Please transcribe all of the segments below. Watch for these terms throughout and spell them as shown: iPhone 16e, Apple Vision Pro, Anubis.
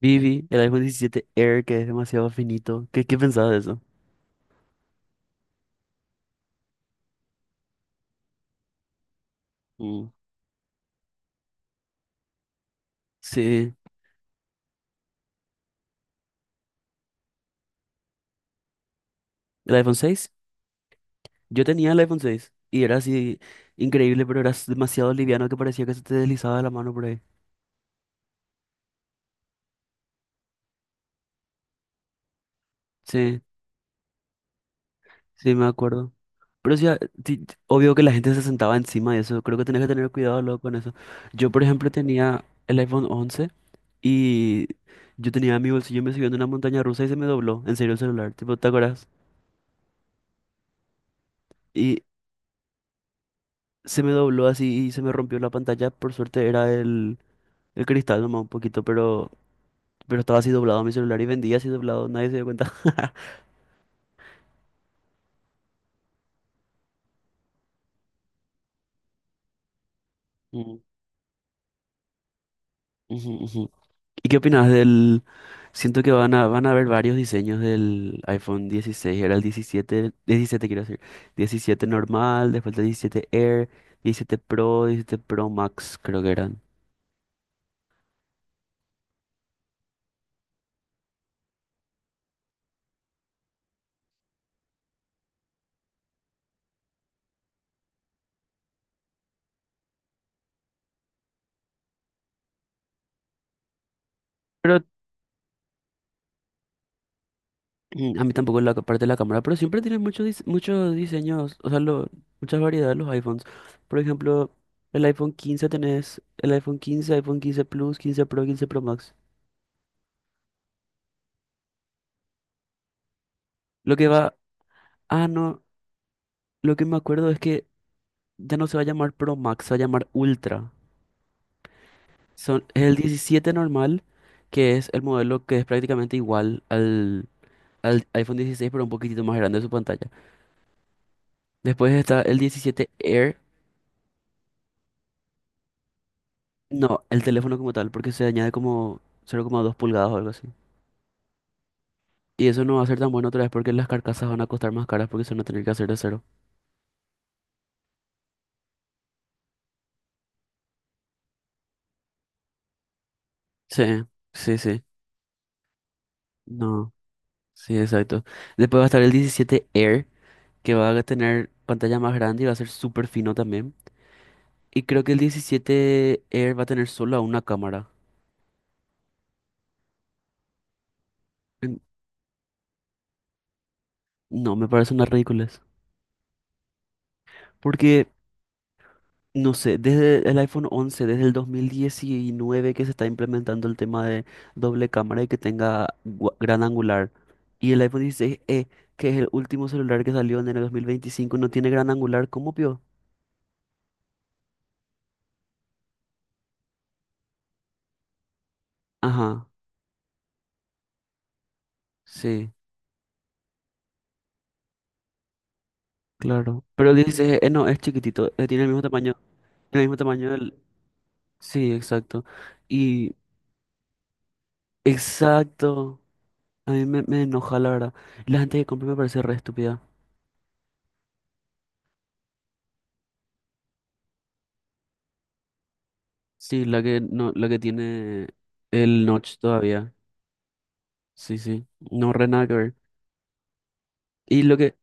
Vivi, el iPhone 17 Air, que es demasiado finito. ¿Qué pensabas de eso? Mm. Sí, el iPhone 6. Yo tenía el iPhone 6 y era así increíble, pero era demasiado liviano que parecía que se te deslizaba de la mano por ahí. Sí, sí, me acuerdo. Pero sí, obvio que la gente se sentaba encima de eso. Creo que tenés que tener cuidado luego con eso. Yo, por ejemplo, tenía el iPhone 11 y yo tenía mi bolsillo, me subió en una montaña rusa y se me dobló. En serio, el celular, tipo, ¿te acuerdas? Y se me dobló así y se me rompió la pantalla. Por suerte era el, cristal nomás un poquito, pero estaba así doblado mi celular y vendía así doblado, nadie se dio cuenta. Mm, ujú, ujú. ¿Y qué opinas del...? Siento que van a haber varios diseños del iPhone 16. Era el 17, 17 quiero decir. 17 normal, después el 17 Air, 17 Pro, 17 Pro Max creo que eran. Pero a mí tampoco la parte de la cámara, pero siempre tienen muchos muchos diseños, o sea, muchas variedades los iPhones. Por ejemplo, el iPhone 15 tenés el iPhone 15, iPhone 15 Plus, 15 Pro, 15 Pro Max. Lo que va, ah, no, lo que me acuerdo es que ya no se va a llamar Pro Max, se va a llamar Ultra. Es el 17 normal, que es el modelo que es prácticamente igual al iPhone 16, pero un poquitito más grande su pantalla. Después está el 17. No, el teléfono como tal, porque se añade como 0,2 pulgadas o algo así. Y eso no va a ser tan bueno otra vez porque las carcasas van a costar más caras porque se van a tener que hacer de cero. Sí, sí, sí. No, sí, exacto. Después va a estar el 17 Air, que va a tener pantalla más grande y va a ser súper fino también. Y creo que el 17 Air va a tener solo una cámara. En- No, me parece una ridiculez. Porque no sé, desde el iPhone 11, desde el 2019 que se está implementando el tema de doble cámara y que tenga gran angular. Y el iPhone 16e, que es el último celular que salió en el 2025, no tiene gran angular, ¿cómo pio? Ajá, sí, claro. Pero el 16e no, es chiquitito, tiene el mismo tamaño del... Sí, exacto. Y exacto, a mí me enoja la verdad. La gente que compra me parece re estúpida. Sí, la que, no, la que tiene el notch todavía. Sí, sí, no, re nada que ver. Y lo que...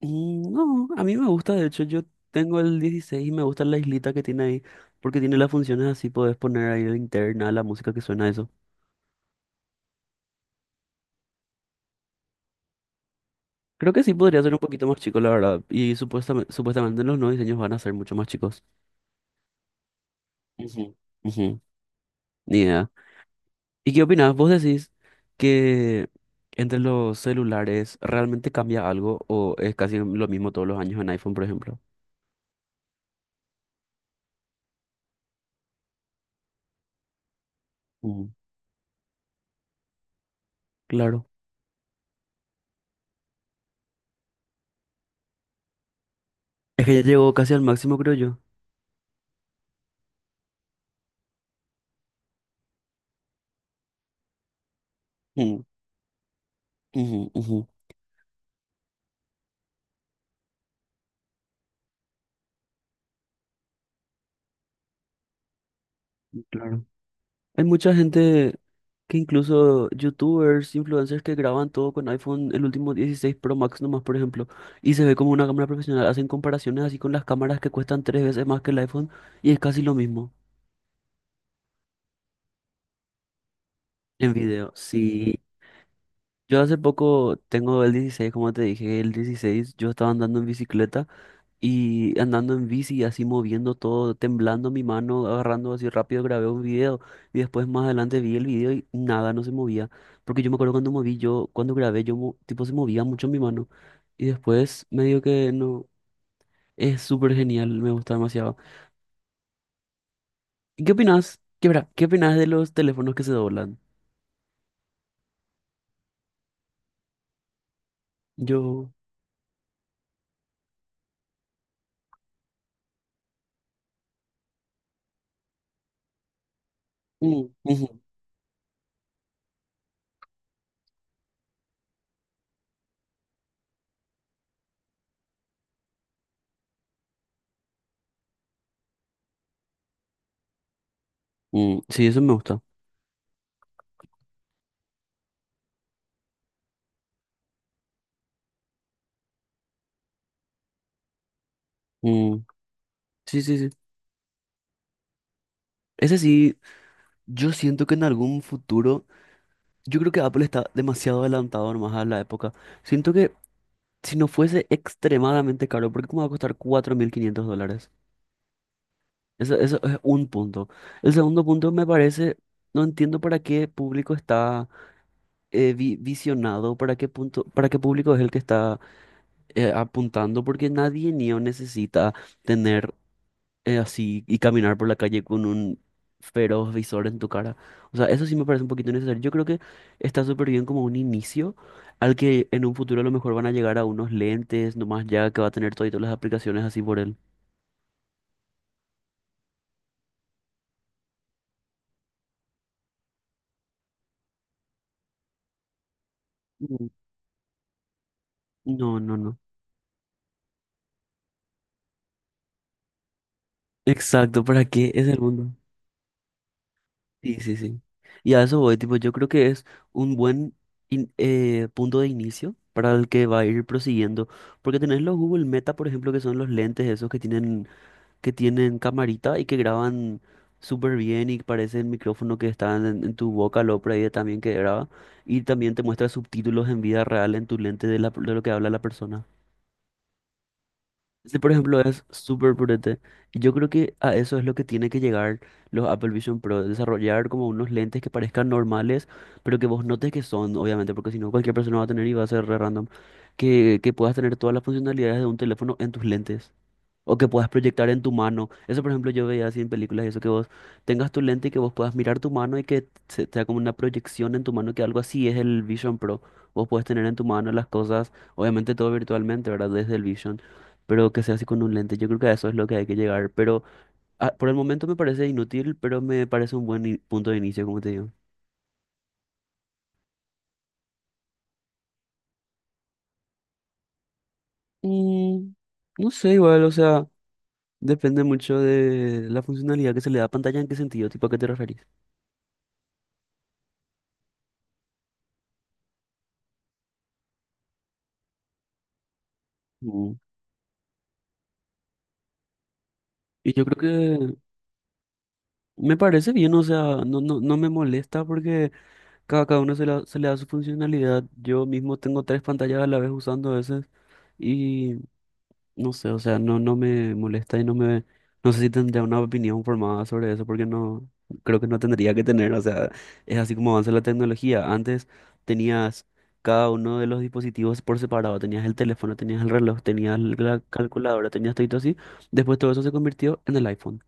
No, a mí me gusta, de hecho, yo tengo el 16 y me gusta la islita que tiene ahí, porque tiene las funciones así, podés poner ahí la interna, la música que suena a eso. Creo que sí podría ser un poquito más chico, la verdad, y supuestamente los nuevos diseños van a ser mucho más chicos. Ujú, ujú. Ni idea. ¿Y qué opinas? ¿Vos decís que entre los celulares realmente cambia algo o es casi lo mismo todos los años en iPhone, por ejemplo? Mm, claro. Es que ya llegó casi al máximo, creo yo. Ujú, ujú. Claro. Hay mucha gente que incluso youtubers, influencers que graban todo con iPhone, el último 16 Pro Max nomás, por ejemplo, y se ve como una cámara profesional. Hacen comparaciones así con las cámaras que cuestan tres veces más que el iPhone y es casi lo mismo en video. Sí, yo hace poco tengo el 16, como te dije, el 16, yo estaba andando en bicicleta. Y andando en bici, así moviendo todo, temblando mi mano, agarrando así rápido, grabé un video y después más adelante vi el video y nada, no se movía. Porque yo me acuerdo cuando moví, yo, cuando grabé, yo, tipo, se movía mucho mi mano. Y después me dijo que no, es súper genial, me gusta demasiado. ¿Y qué opinas? ¿Qué opinas de los teléfonos que se doblan? Yo. Mm, ujú. Mm, sí, eso me gusta. Mm, sí, sí, sí. Ese sí, yo siento que en algún futuro... Yo creo que Apple está demasiado adelantado nomás a la época. Siento que si no fuese extremadamente caro, ¿por qué cómo va a costar $4.500? Eso, eso es un punto. El segundo punto me parece, no entiendo para qué público está visionado, para qué punto, para qué público es el que está apuntando, porque nadie niño necesita tener así y caminar por la calle con un feroz visor en tu cara. O sea, eso sí me parece un poquito innecesario. Yo creo que está súper bien como un inicio al que en un futuro a lo mejor van a llegar a unos lentes, nomás ya que va a tener todas las aplicaciones así por él. Mm. No, no, no. Exacto, ¿para qué es el mundo? Sí, sí, sí. Y a eso voy, tipo, yo creo que es un buen punto de inicio para el que va a ir prosiguiendo. Porque tenés los Google Meta, por ejemplo, que son los lentes esos que tienen camarita y que graban súper bien y parece el micrófono que está en tu boca, lo por ahí también que graba. Y también te muestra subtítulos en vida real en tu lente de lo que habla la persona. Ese, por ejemplo, es súper potente. Y yo creo que a eso es lo que tiene que llegar los Apple Vision Pro, desarrollar como unos lentes que parezcan normales, pero que vos notes que son, obviamente, porque si no cualquier persona va a tener y va a ser re random, que puedas tener todas las funcionalidades de un teléfono en tus lentes. O que puedas proyectar en tu mano. Eso, por ejemplo, yo veía así en películas, eso que vos tengas tu lente y que vos puedas mirar tu mano y que se te haga como una proyección en tu mano, que algo así es el Vision Pro. Vos puedes tener en tu mano las cosas, obviamente todo virtualmente, ¿verdad? Desde el Vision, pero que sea así con un lente. Yo creo que a eso es lo que hay que llegar. Pero ah, por el momento me parece inútil, pero me parece un buen punto de inicio, como te digo. Mm, no sé, igual, o sea, depende mucho de la funcionalidad que se le da a pantalla, en qué sentido, tipo, ¿a qué te referís? Mm. Y yo creo. Me parece bien, o sea, no, no, no me molesta porque cada uno se le da su funcionalidad. Yo mismo tengo tres pantallas a la vez usando a veces y no sé, o sea, no, no me molesta y no me... No sé si tendría una opinión formada sobre eso porque no, creo que no tendría que tener, o sea, es así como avanza la tecnología. Antes tenías cada uno de los dispositivos por separado, tenías el teléfono, tenías el reloj, tenías la calculadora, tenías todo así. Después todo eso se convirtió en el iPhone.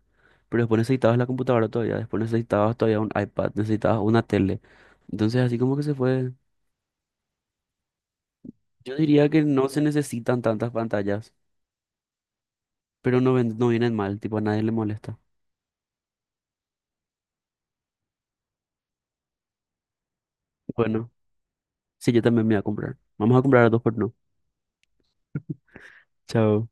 Pero después necesitabas la computadora todavía, después necesitabas todavía un iPad, necesitabas una tele. Entonces así como que se fue. Yo diría que no se necesitan tantas pantallas, pero no vienen mal, tipo a nadie le molesta. Bueno, sí, yo también me voy a comprar. Vamos a comprar a dos por no. Chao.